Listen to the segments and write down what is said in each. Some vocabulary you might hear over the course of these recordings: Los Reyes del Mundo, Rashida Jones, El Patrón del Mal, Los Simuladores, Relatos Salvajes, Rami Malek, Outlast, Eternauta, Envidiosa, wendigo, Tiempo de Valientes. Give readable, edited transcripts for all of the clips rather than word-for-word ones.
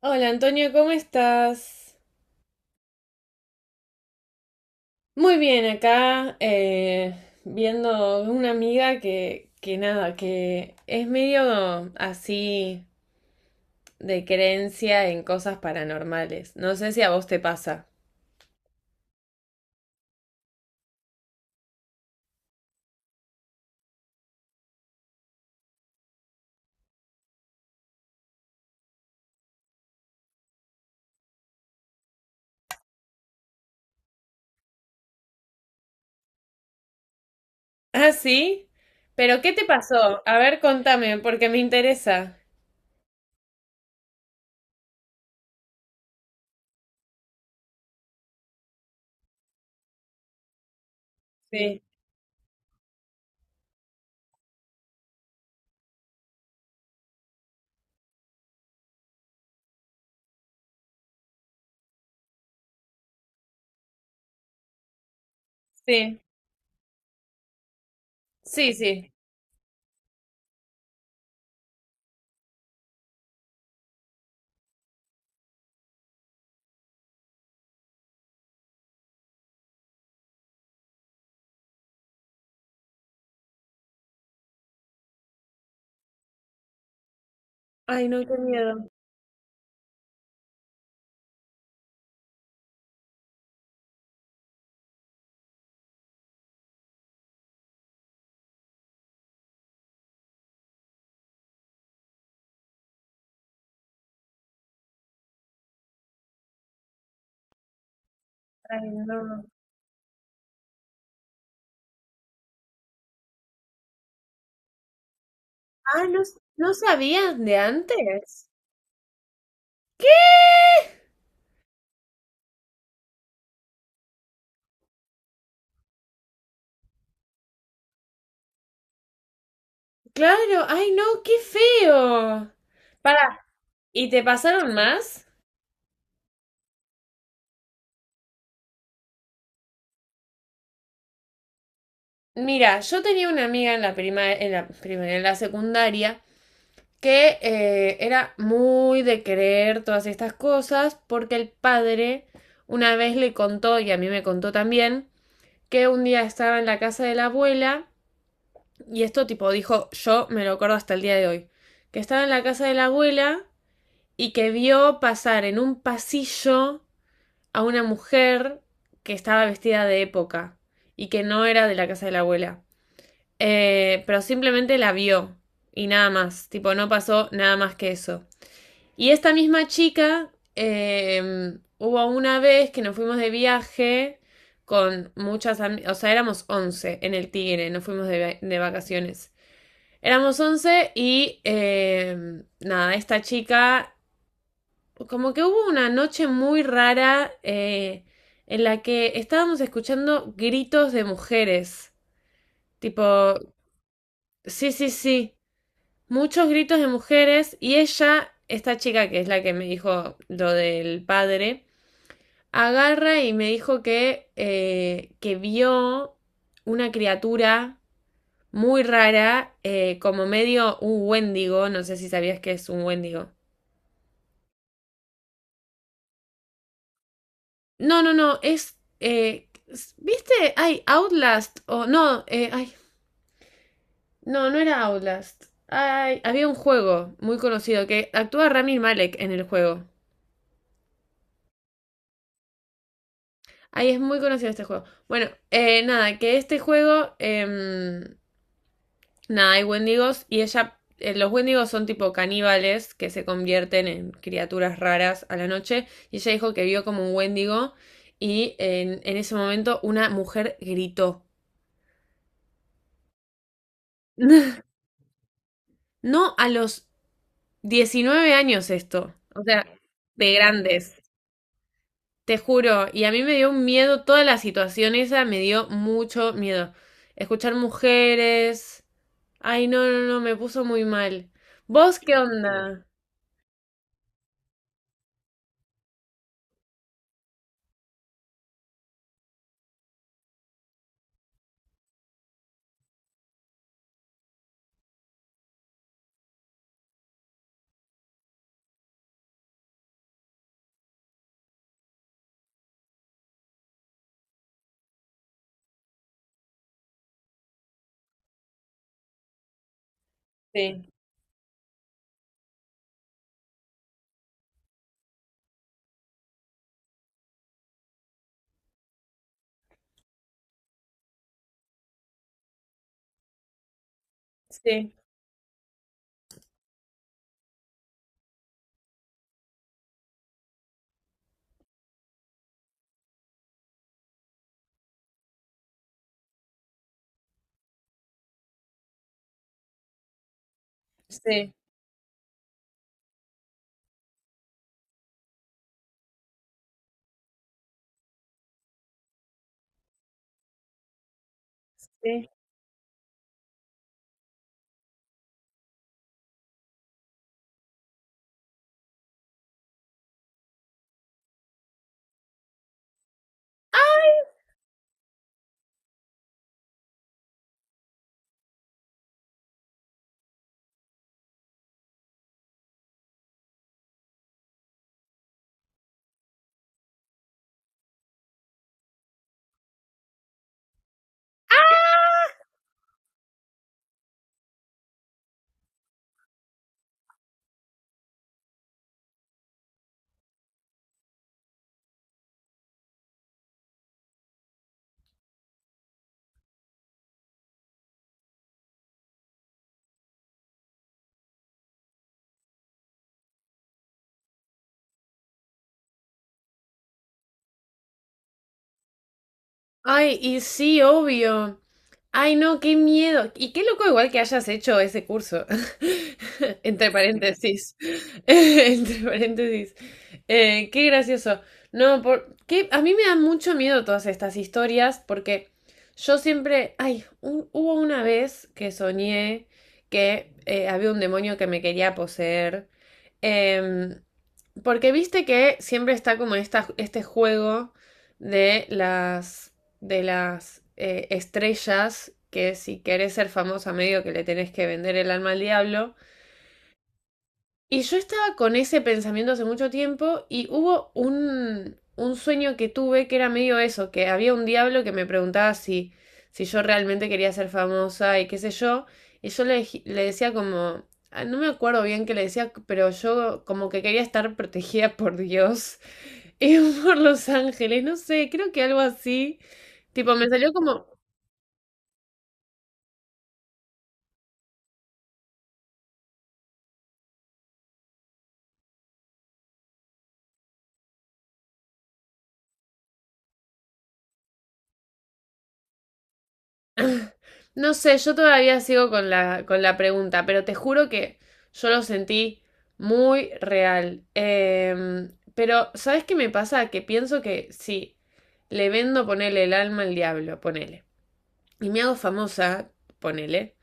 Hola Antonio, ¿cómo estás? Muy bien, acá viendo una amiga que nada, que es medio así de creencia en cosas paranormales. No sé si a vos te pasa. Ah, sí, pero ¿qué te pasó? A ver, contame, porque me interesa. Sí, sí, sí, sí. Ay, no, qué miedo. Ay, no. Ah, ¿no, no sabías de antes? ¿Qué? Claro, ay no, qué feo. Para, ¿y te pasaron más? Mira, yo tenía una amiga en la prima, en la primaria, en la secundaria, que era muy de creer todas estas cosas, porque el padre una vez le contó, y a mí me contó también, que un día estaba en la casa de la abuela, y esto tipo dijo, yo me lo acuerdo hasta el día de hoy, que estaba en la casa de la abuela y que vio pasar en un pasillo a una mujer que estaba vestida de época y que no era de la casa de la abuela. Pero simplemente la vio y nada más, tipo, no pasó nada más que eso. Y esta misma chica, hubo una vez que nos fuimos de viaje con muchas amigas, o sea, éramos 11 en el Tigre, nos fuimos de vacaciones. Éramos 11 y nada, esta chica como que hubo una noche muy rara en la que estábamos escuchando gritos de mujeres. Tipo, sí, sí, sí. Muchos gritos de mujeres y ella, esta chica que es la que me dijo lo del padre, agarra y me dijo que vio una criatura muy rara, como medio un wendigo, no sé si sabías que es un wendigo. No, no, no, es, ¿viste? Ay, Outlast, o no, ay, no, no era Outlast. Ay, había un juego muy conocido que actúa Rami Malek en el juego. Ay, es muy conocido este juego. Bueno, nada, que este juego, nada, hay wendigos y ella, los wendigos son tipo caníbales que se convierten en criaturas raras a la noche y ella dijo que vio como un wendigo y en ese momento una mujer gritó. No, a los 19 años esto, o sea, de grandes, te juro. Y a mí me dio un miedo, toda la situación esa me dio mucho miedo. Escuchar mujeres. Ay, no, no, no, me puso muy mal. ¿Vos qué onda? Sí, sí, sí, sí. Ay, y sí, obvio. Ay, no, qué miedo. Y qué loco igual que hayas hecho ese curso. Entre paréntesis. Entre paréntesis. Qué gracioso. No, por, qué, a mí me dan mucho miedo todas estas historias porque yo siempre... Ay, un, hubo una vez que soñé que había un demonio que me quería poseer. Em, Porque viste que siempre está como esta, este juego de las de las estrellas que si querés ser famosa medio que le tenés que vender el alma al diablo. Y yo estaba con ese pensamiento hace mucho tiempo y hubo un sueño que tuve que era medio eso, que había un diablo que me preguntaba si yo realmente quería ser famosa y qué sé yo. Y yo le decía como, ah, no me acuerdo bien qué le decía, pero yo como que quería estar protegida por Dios y por los ángeles, no sé, creo que algo así. Tipo, me salió como, no sé, yo todavía sigo con la pregunta, pero te juro que yo lo sentí muy real. Pero, ¿sabes qué me pasa? Que pienso que sí le vendo, ponele el alma al diablo, ponele. Y me hago famosa, ponele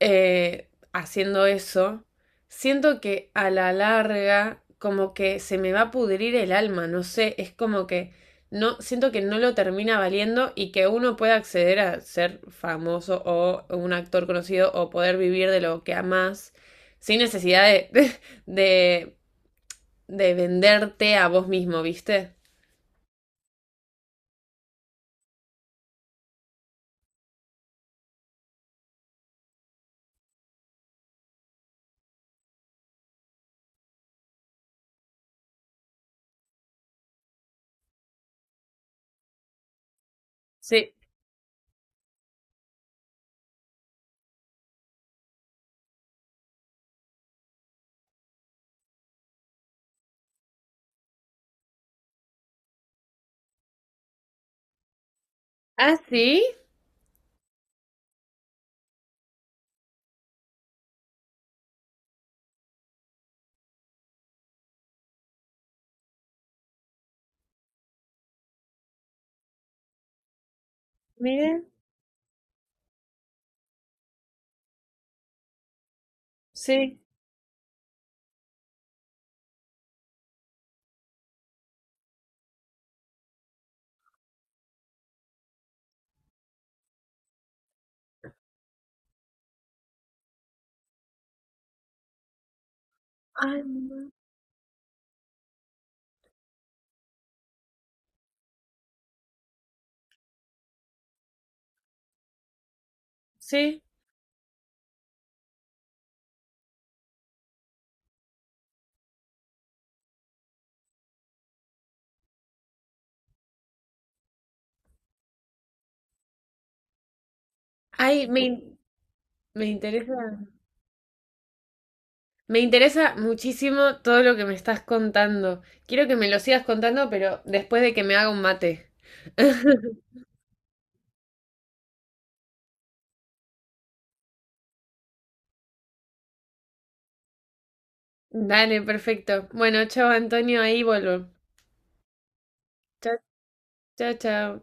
haciendo eso, siento que a la larga como que se me va a pudrir el alma, no sé, es como que no, siento que no lo termina valiendo y que uno pueda acceder a ser famoso o un actor conocido o poder vivir de lo que amas sin necesidad de, de venderte a vos mismo, ¿viste? Sí. Ah, sí, miren, sí. Ay, no. Sí. Ay, me, in-, me interesa. Me interesa muchísimo todo lo que me estás contando. Quiero que me lo sigas contando, pero después de que me haga un mate. Dale, perfecto. Bueno, chao Antonio, ahí vuelvo. Chao, chao, chao.